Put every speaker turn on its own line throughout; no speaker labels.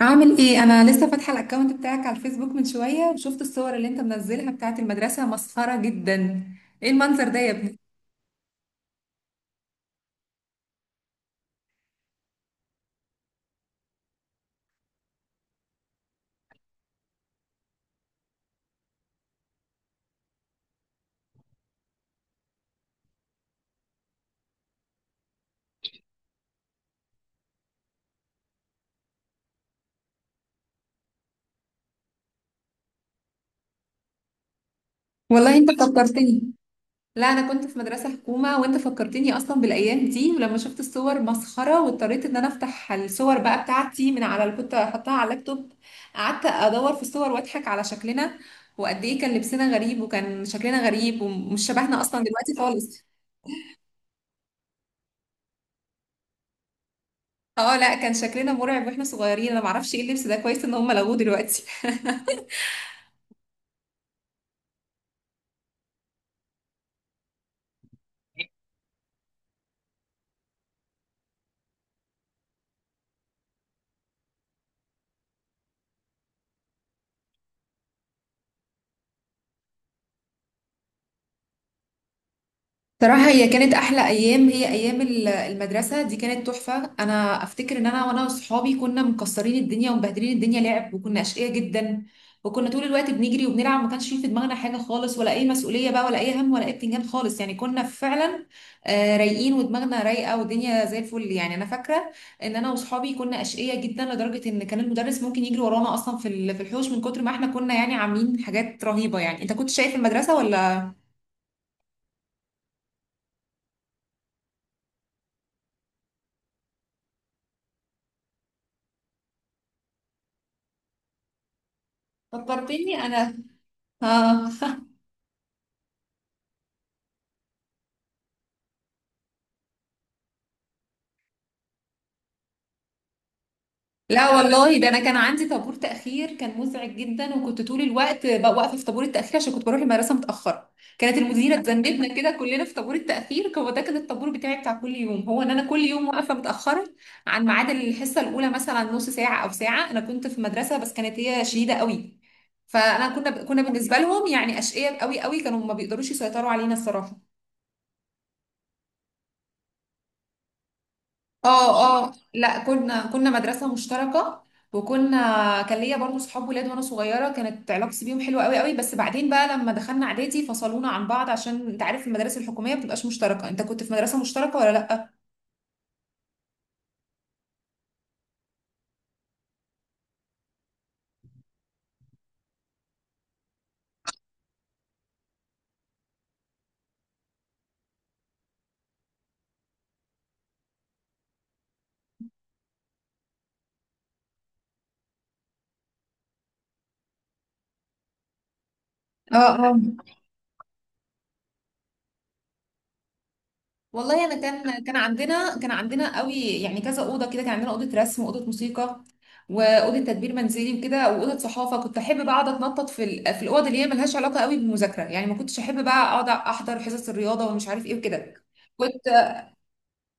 عامل ايه؟ انا لسه فاتحه الاكونت بتاعك على الفيسبوك من شويه، وشفت الصور اللي انت منزلها بتاعت المدرسه مسخره جدا. ايه المنظر ده يا ابني؟ والله انت فكرتني. لا، انا كنت في مدرسه حكومه، وانت فكرتني اصلا بالايام دي، ولما شفت الصور مسخره واضطريت ان انا افتح الصور بقى بتاعتي من على اللي كنت حطاها على اللابتوب. قعدت ادور في الصور واضحك على شكلنا، وقد ايه كان لبسنا غريب وكان شكلنا غريب، ومش شبهنا اصلا دلوقتي خالص. اه، لا، كان شكلنا مرعب واحنا صغيرين، انا معرفش ايه اللبس ده، كويس ان هم لغوه دلوقتي. صراحة هي كانت أحلى أيام، هي أيام المدرسة دي كانت تحفة. أنا أفتكر إن أنا وصحابي كنا مكسرين الدنيا ومبهدلين الدنيا لعب، وكنا أشقياء جدا. وكنا طول الوقت بنجري وبنلعب، ما كانش في دماغنا حاجة خالص، ولا أي مسؤولية بقى، ولا أي هم، ولا أي بتنجان خالص، يعني كنا فعلا رايقين ودماغنا رايقة والدنيا زي الفل، يعني أنا فاكرة إن أنا وصحابي كنا أشقياء جدا، لدرجة إن كان المدرس ممكن يجري ورانا أصلا في الحوش، من كتر ما إحنا كنا يعني عاملين حاجات رهيبة، يعني أنت كنت شايف المدرسة ولا؟ فكرتني أنا. آه، لا والله، ده انا كان عندي طابور تاخير كان مزعج جدا، وكنت طول الوقت بقى واقفه في طابور التاخير عشان كنت بروح المدرسه متاخره. كانت المديره تذنبنا كده كلنا في طابور التاخير، هو ده كان الطابور بتاعي بتاع كل يوم، هو ان انا كل يوم واقفه متاخره عن ميعاد الحصه الاولى، مثلا نص ساعه او ساعه. انا كنت في مدرسه بس كانت هي شديده قوي، فانا كنا بالنسبه لهم يعني اشقياء قوي قوي، كانوا ما بيقدروش يسيطروا علينا الصراحه. اه، اه، لا، كنا مدرسة مشتركة. وكنا، كان ليا برضه صحاب ولاد وانا صغيرة، كانت علاقتي بيهم حلوة قوي قوي، بس بعدين بقى لما دخلنا اعدادي فصلونا عن بعض، عشان انت عارف المدارس الحكومية ما بتبقاش مشتركة، انت كنت في مدرسة مشتركة ولا لا؟ اه، اه، والله انا كان عندنا قوي، يعني كذا اوضه كده، كان عندنا اوضه رسم واوضه موسيقى واوضه تدبير منزلي وكده واوضه صحافه. كنت احب بقى اقعد اتنطط في الاوض اللي هي ملهاش علاقه قوي بالمذاكره، يعني ما كنتش احب بقى اقعد احضر حصص الرياضه ومش عارف ايه وكده. كنت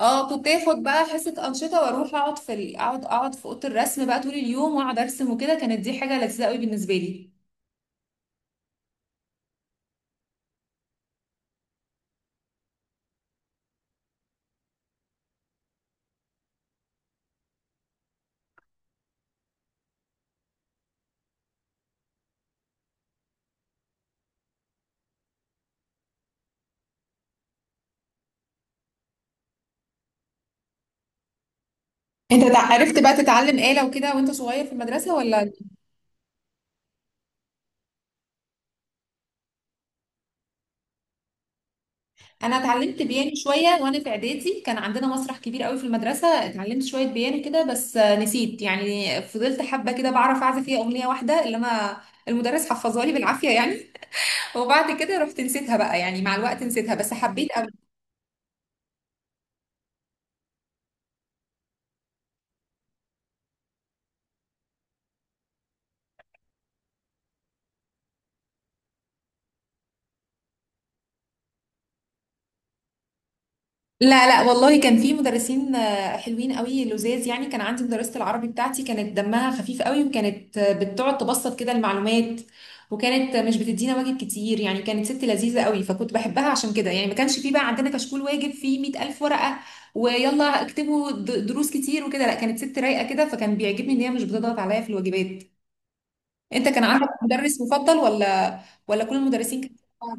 اه كنت اخد بقى حصه انشطه واروح اقعد في اوضه الرسم بقى طول اليوم، واقعد ارسم وكده، كانت دي حاجه لذيذه قوي بالنسبه لي. انت عرفت بقى تتعلم آلة وكده وانت صغير في المدرسه ولا؟ انا اتعلمت بيانو شويه وانا في اعدادي، كان عندنا مسرح كبير قوي في المدرسه، اتعلمت شويه بيانو كده، بس نسيت، يعني فضلت حبه كده بعرف اعزف فيها اغنيه واحده، اللي انا المدرس حفظها لي بالعافيه يعني. وبعد كده رحت نسيتها بقى، يعني مع الوقت نسيتها بس حبيت. لا، لا، والله كان في مدرسين حلوين قوي لذاذ، يعني كان عندي مدرسة العربي بتاعتي كانت دمها خفيف قوي، وكانت بتقعد تبسط كده المعلومات، وكانت مش بتدينا واجب كتير، يعني كانت ست لذيذة قوي فكنت بحبها عشان كده، يعني ما كانش في بقى عندنا كشكول واجب فيه 100,000 ورقة، ويلا اكتبوا دروس كتير وكده، لا كانت ست رايقة كده، فكان بيعجبني ان هي مش بتضغط عليا في الواجبات. انت كان عندك مدرس مفضل، ولا كل المدرسين كانوا؟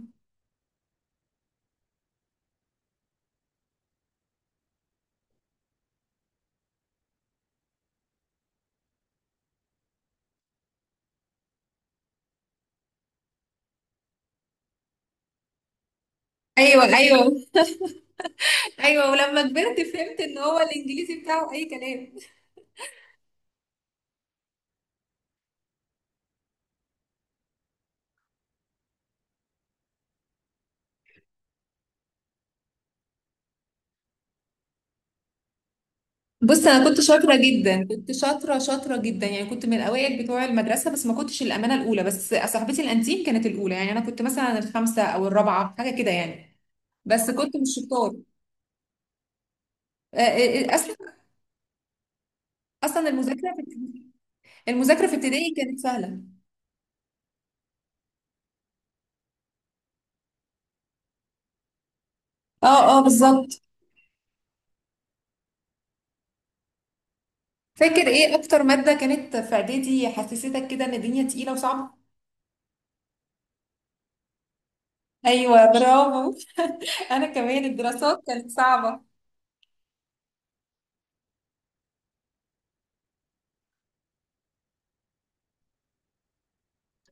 ايوه، ايوه، ايوه، ولما كبرت فهمت ان هو الانجليزي بتاعه اي كلام. بص انا كنت شاطره جدا، كنت شاطره شاطره جدا، يعني كنت من الاوائل بتوع المدرسه، بس ما كنتش الامانه الاولى، بس صاحبتي الانتيم كانت الاولى، يعني انا كنت مثلا الخامسه او الرابعه حاجه كده يعني. بس كنت مش شطار اصلا، اصلا المذاكره في ابتدائي كانت سهله. اه، اه، بالظبط. فاكر ايه اكتر ماده كانت في اعدادي حسستك كده ان الدنيا تقيله وصعبه؟ ايوه، برافو. انا كمان الدراسات كانت صعبه،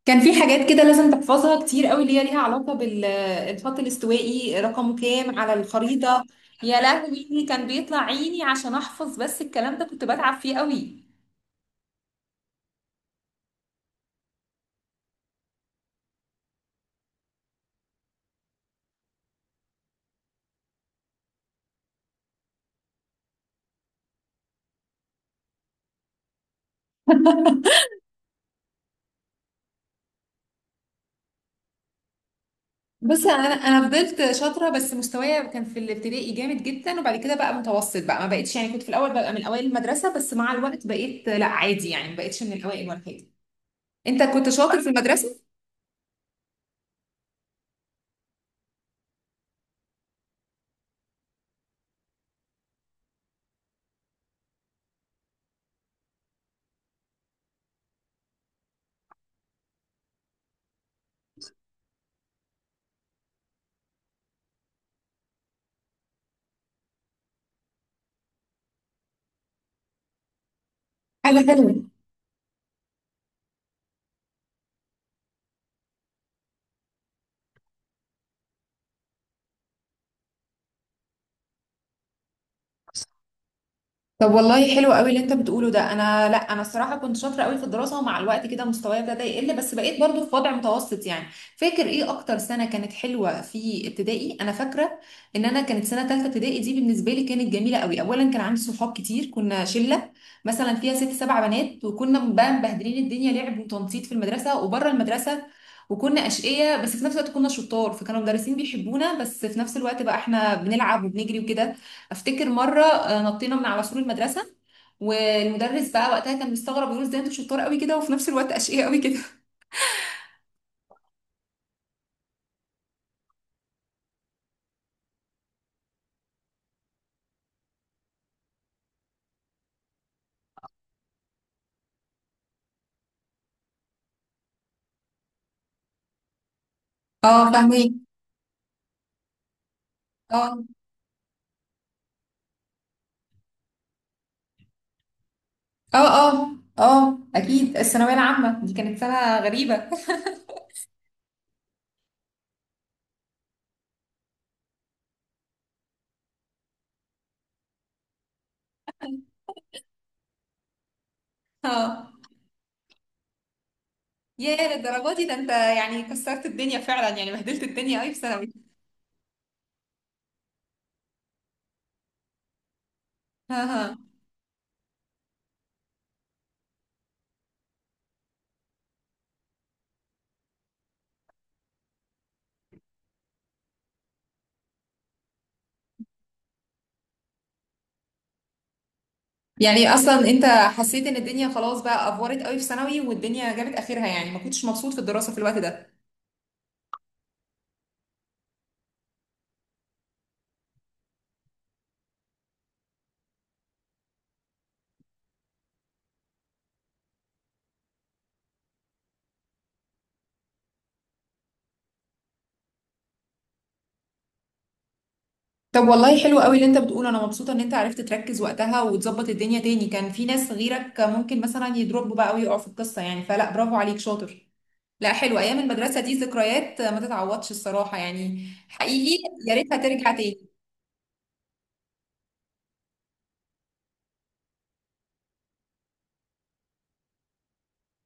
كان في حاجات كده لازم تحفظها كتير قوي، اللي هي ليها علاقة بالخط الاستوائي رقمه كام على الخريطة. يا لهوي كان بيطلع عيني عشان احفظ، بس الكلام ده كنت بتعب فيه قوي. بص انا فضلت شاطره، بس مستوايا كان في الابتدائي جامد جدا، وبعد كده بقى متوسط بقى ما بقتش، يعني كنت في الاول ببقى من اوائل المدرسه، بس مع الوقت بقيت لا عادي، يعني ما بقتش من الاوائل ولا حاجه. انت كنت شاطر في المدرسه؟ حاجة حلوة. طب والله حلو قوي اللي انت بتقوله ده، انا، لا، انا الصراحه كنت شاطره قوي في الدراسه، ومع الوقت كده مستواي ابتدى يقل، بس بقيت برضو في وضع متوسط يعني. فاكر ايه اكتر سنه كانت حلوه في ابتدائي؟ انا فاكره ان انا كانت سنه ثالثه ابتدائي دي بالنسبه لي كانت جميله قوي، اولا كان عندي صحاب كتير، كنا شله مثلا فيها ست سبع بنات، وكنا بقى مبهدلين الدنيا لعب وتنطيط في المدرسه وبره المدرسه، وكنا اشقياء بس في نفس الوقت كنا شطار، فكانوا المدرسين بيحبونا، بس في نفس الوقت بقى احنا بنلعب وبنجري وكده. افتكر مره نطينا من على سور المدرسه، والمدرس بقى وقتها كان مستغرب، يقول ازاي انتوا شطار قوي كده وفي نفس الوقت اشقياء قوي كده. اه، فاهمك. اه، اه، اه، اه، اكيد الثانويه العامه دي كانت سنه غريبه. اه، يا للدرجه دي؟ ده انت يعني كسرت الدنيا فعلا، يعني بهدلت الدنيا قوي في ثانوي. ها، ها. يعني اصلا انت حسيت ان الدنيا خلاص بقى افورت قوي في ثانوي، والدنيا جابت اخرها، يعني ما كنتش مبسوط في الدراسه في الوقت ده؟ طب والله حلو قوي اللي انت بتقوله، انا مبسوطه ان انت عرفت تركز وقتها وتظبط الدنيا تاني، كان في ناس غيرك ممكن مثلا يضربوا بقى ويقعوا في القصه يعني، فلا، برافو عليك شاطر. لا، حلو ايام المدرسه دي، ذكريات ما تتعوضش الصراحه، يعني حقيقي يا ريتها ترجع تاني.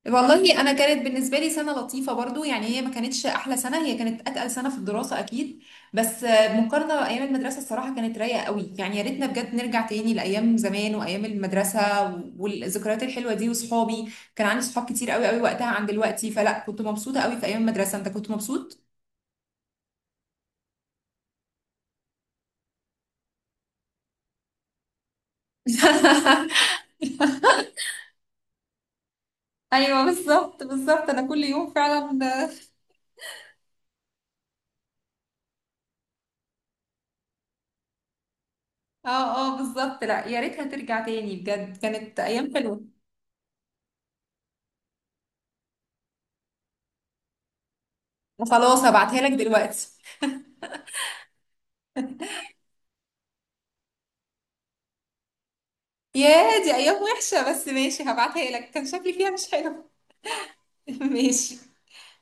والله انا كانت بالنسبه لي سنه لطيفه برضو، يعني هي ما كانتش احلى سنه، هي كانت اتقل سنه في الدراسه اكيد. بس مقارنه بايام المدرسه الصراحه كانت رايقه قوي، يعني يا ريتنا بجد نرجع تاني لايام زمان وايام المدرسه والذكريات الحلوه دي، وصحابي كان عندي صحاب كتير قوي قوي وقتها عن دلوقتي، فلا كنت مبسوطه قوي في ايام المدرسه، انت كنت مبسوط؟ ايوه، بالظبط، بالظبط، انا كل يوم فعلا. اه، اه، بالظبط. لا، يا ريتها ترجع تاني، بجد كانت ايام حلوه. وخلاص هبعتها لك دلوقتي. ياه، دي ايام وحشه بس ماشي هبعتها لك، كان شكلي فيها مش حلو. ماشي.